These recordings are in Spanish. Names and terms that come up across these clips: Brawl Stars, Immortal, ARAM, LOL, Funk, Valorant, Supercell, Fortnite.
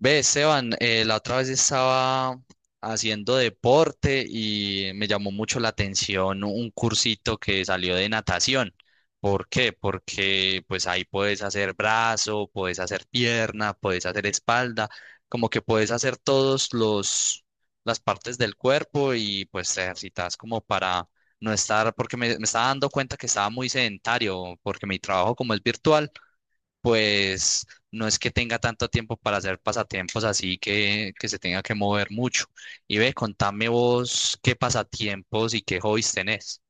Ve, Esteban, la otra vez estaba haciendo deporte y me llamó mucho la atención un cursito que salió de natación. ¿Por qué? Porque pues ahí puedes hacer brazo, puedes hacer pierna, puedes hacer espalda, como que puedes hacer todos los las partes del cuerpo y pues te ejercitas como para no estar, porque me estaba dando cuenta que estaba muy sedentario, porque mi trabajo como es virtual pues no es que tenga tanto tiempo para hacer pasatiempos así que se tenga que mover mucho. Y ve, contame vos qué pasatiempos y qué hobbies tenés.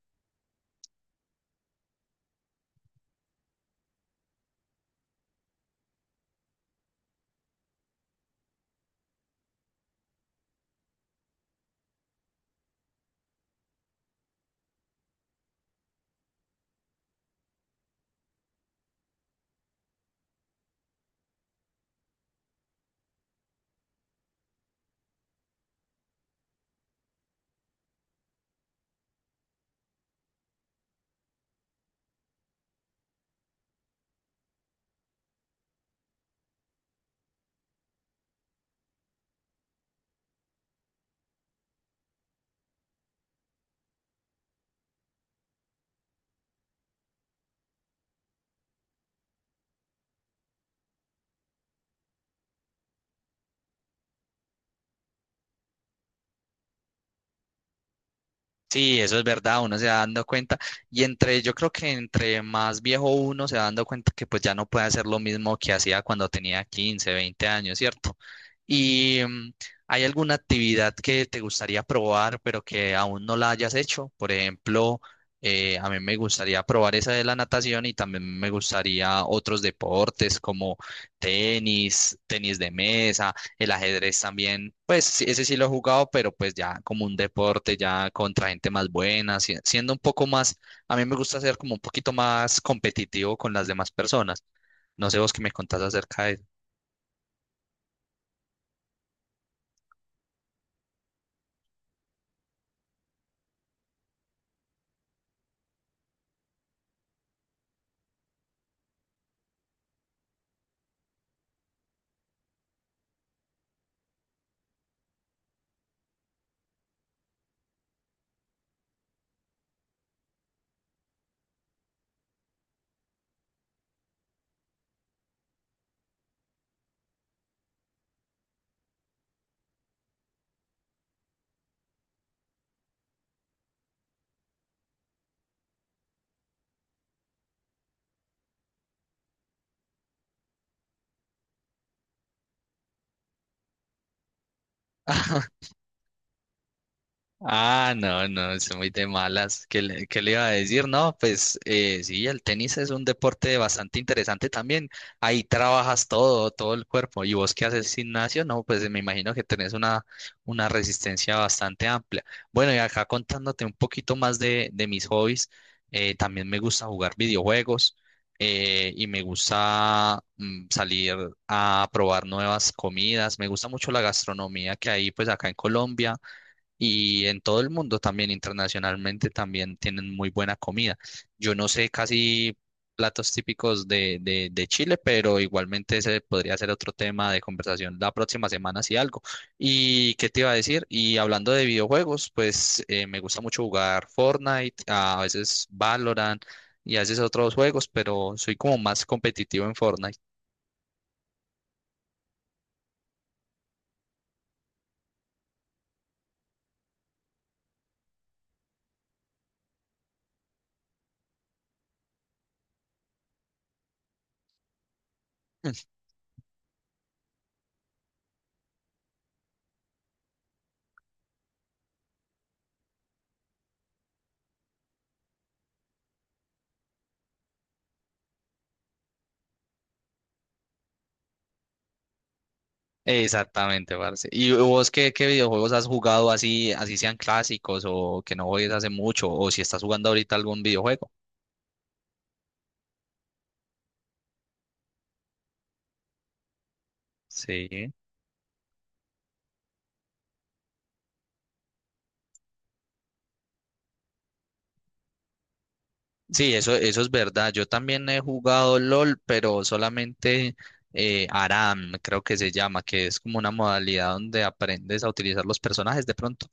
Sí, eso es verdad, uno se va dando cuenta y yo creo que entre más viejo uno se va dando cuenta que pues ya no puede hacer lo mismo que hacía cuando tenía 15, 20 años, ¿cierto? ¿Y hay alguna actividad que te gustaría probar pero que aún no la hayas hecho? Por ejemplo, a mí me gustaría probar esa de la natación y también me gustaría otros deportes como tenis, tenis de mesa, el ajedrez también, pues sí, ese sí lo he jugado, pero pues ya como un deporte, ya contra gente más buena, siendo un poco más, a mí me gusta ser como un poquito más competitivo con las demás personas. No sé vos qué me contás acerca de eso. Ah, no, no, es muy de malas. Qué le iba a decir? No, pues sí, el tenis es un deporte bastante interesante también. Ahí trabajas todo el cuerpo. ¿Y vos qué haces gimnasio? No, pues me imagino que tenés una resistencia bastante amplia. Bueno, y acá contándote un poquito más de mis hobbies, también me gusta jugar videojuegos y me gusta salir a probar nuevas comidas. Me gusta mucho la gastronomía que hay pues acá en Colombia y en todo el mundo también, internacionalmente también tienen muy buena comida. Yo no sé casi platos típicos de Chile, pero igualmente ese podría ser otro tema de conversación la próxima semana si algo. ¿Y qué te iba a decir? Y hablando de videojuegos, pues me gusta mucho jugar Fortnite, a veces Valorant y a veces otros juegos, pero soy como más competitivo en Fortnite. Exactamente, parce. ¿Y vos qué videojuegos has jugado así, así sean clásicos o que no juegues hace mucho o si estás jugando ahorita algún videojuego? Sí. Sí, eso es verdad. Yo también he jugado LOL, pero solamente ARAM, creo que se llama, que es como una modalidad donde aprendes a utilizar los personajes de pronto.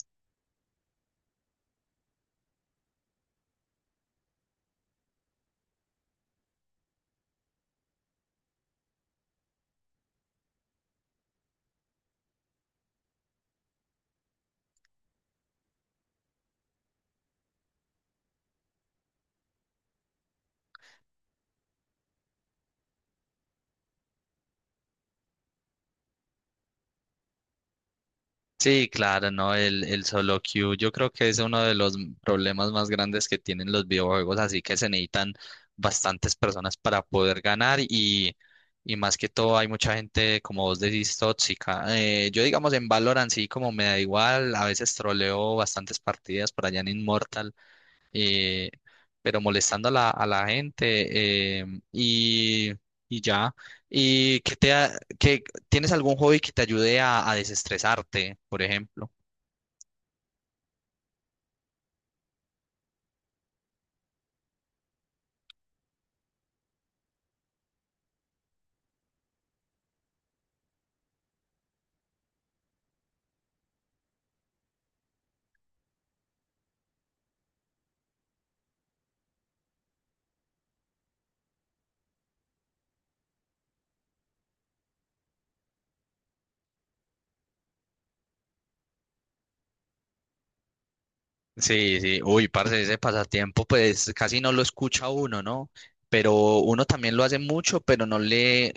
Sí, claro, ¿no? El solo queue yo creo que es uno de los problemas más grandes que tienen los videojuegos, así que se necesitan bastantes personas para poder ganar y más que todo hay mucha gente, como vos decís, tóxica. Yo digamos en Valorant sí como me da igual, a veces troleo bastantes partidas por allá en Immortal, eh, pero molestando a a la gente y ya. ¿Y que te ha- qué- tienes algún hobby que te ayude a desestresarte, por ejemplo? Sí, sí, uy, parce, ese pasatiempo, pues casi no lo escucha uno, ¿no? Pero uno también lo hace mucho, pero no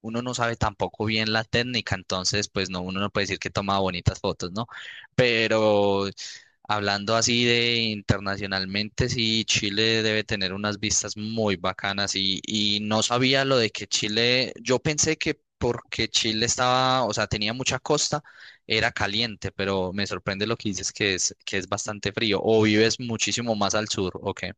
uno no sabe tampoco bien la técnica, entonces, pues no, uno no puede decir que toma bonitas fotos, ¿no? Pero hablando así de internacionalmente, sí, Chile debe tener unas vistas muy bacanas y no sabía lo de que Chile, yo pensé que porque Chile estaba, o sea, tenía mucha costa era caliente, pero me sorprende lo que dices que que es bastante frío. ¿O vives muchísimo más al sur, o qué?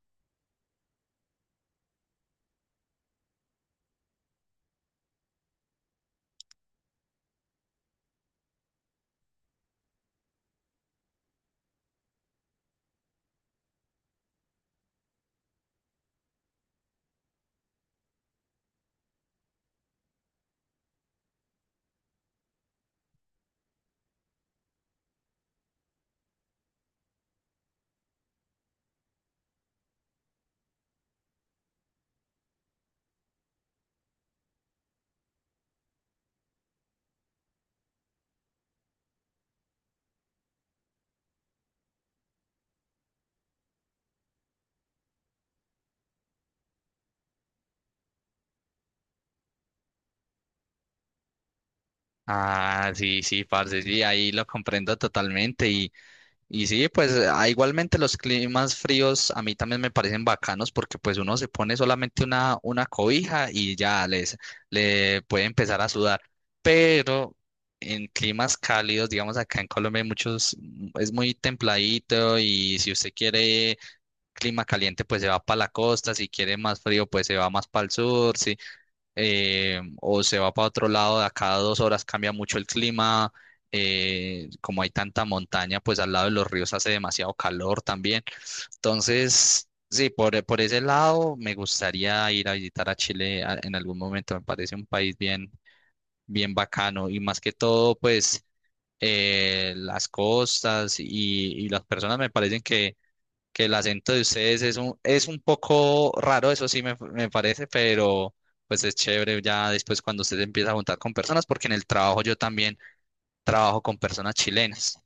Ah, sí, sí, parce, sí, ahí lo comprendo totalmente. Y sí, pues ah, igualmente los climas fríos a mí también me parecen bacanos porque pues uno se pone solamente una cobija y ya le puede empezar a sudar. Pero en climas cálidos, digamos acá en Colombia, hay muchos, es muy templadito y si usted quiere clima caliente, pues se va para la costa, si quiere más frío, pues se va más para el sur, sí, o se va para otro lado, de acá a dos horas cambia mucho el clima, como hay tanta montaña, pues al lado de los ríos hace demasiado calor también. Entonces, sí, por ese lado me gustaría ir a visitar a Chile en algún momento, me parece un país bien, bien bacano y más que todo, pues... las costas y las personas me parecen que el acento de ustedes es es un poco raro, eso sí me parece, pero pues es chévere ya después cuando usted se empieza a juntar con personas, porque en el trabajo yo también trabajo con personas chilenas.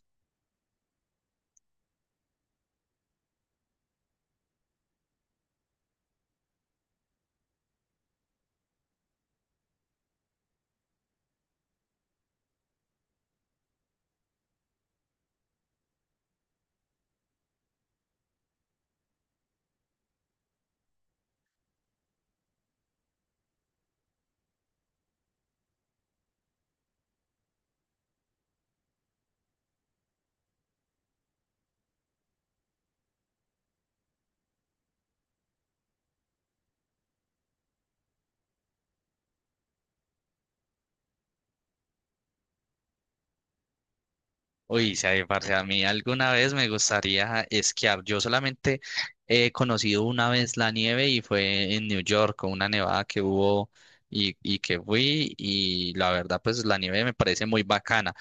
Uy, sabe, parce, a mí alguna vez me gustaría esquiar. Yo solamente he conocido una vez la nieve y fue en New York, con una nevada que hubo y que fui. Y la verdad, pues la nieve me parece muy bacana.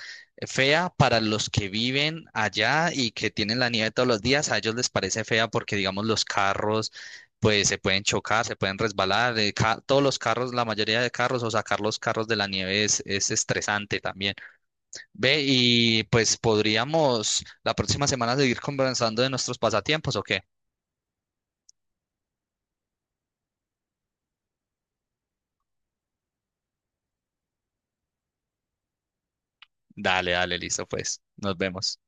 Fea para los que viven allá y que tienen la nieve todos los días, a ellos les parece fea porque, digamos, los carros, pues se pueden chocar, se pueden resbalar. Todos los carros, la mayoría de carros o sacar los carros de la nieve es estresante también. Ve, y pues podríamos la próxima semana seguir conversando de nuestros pasatiempos, ¿o qué? Dale, dale, listo, pues. Nos vemos.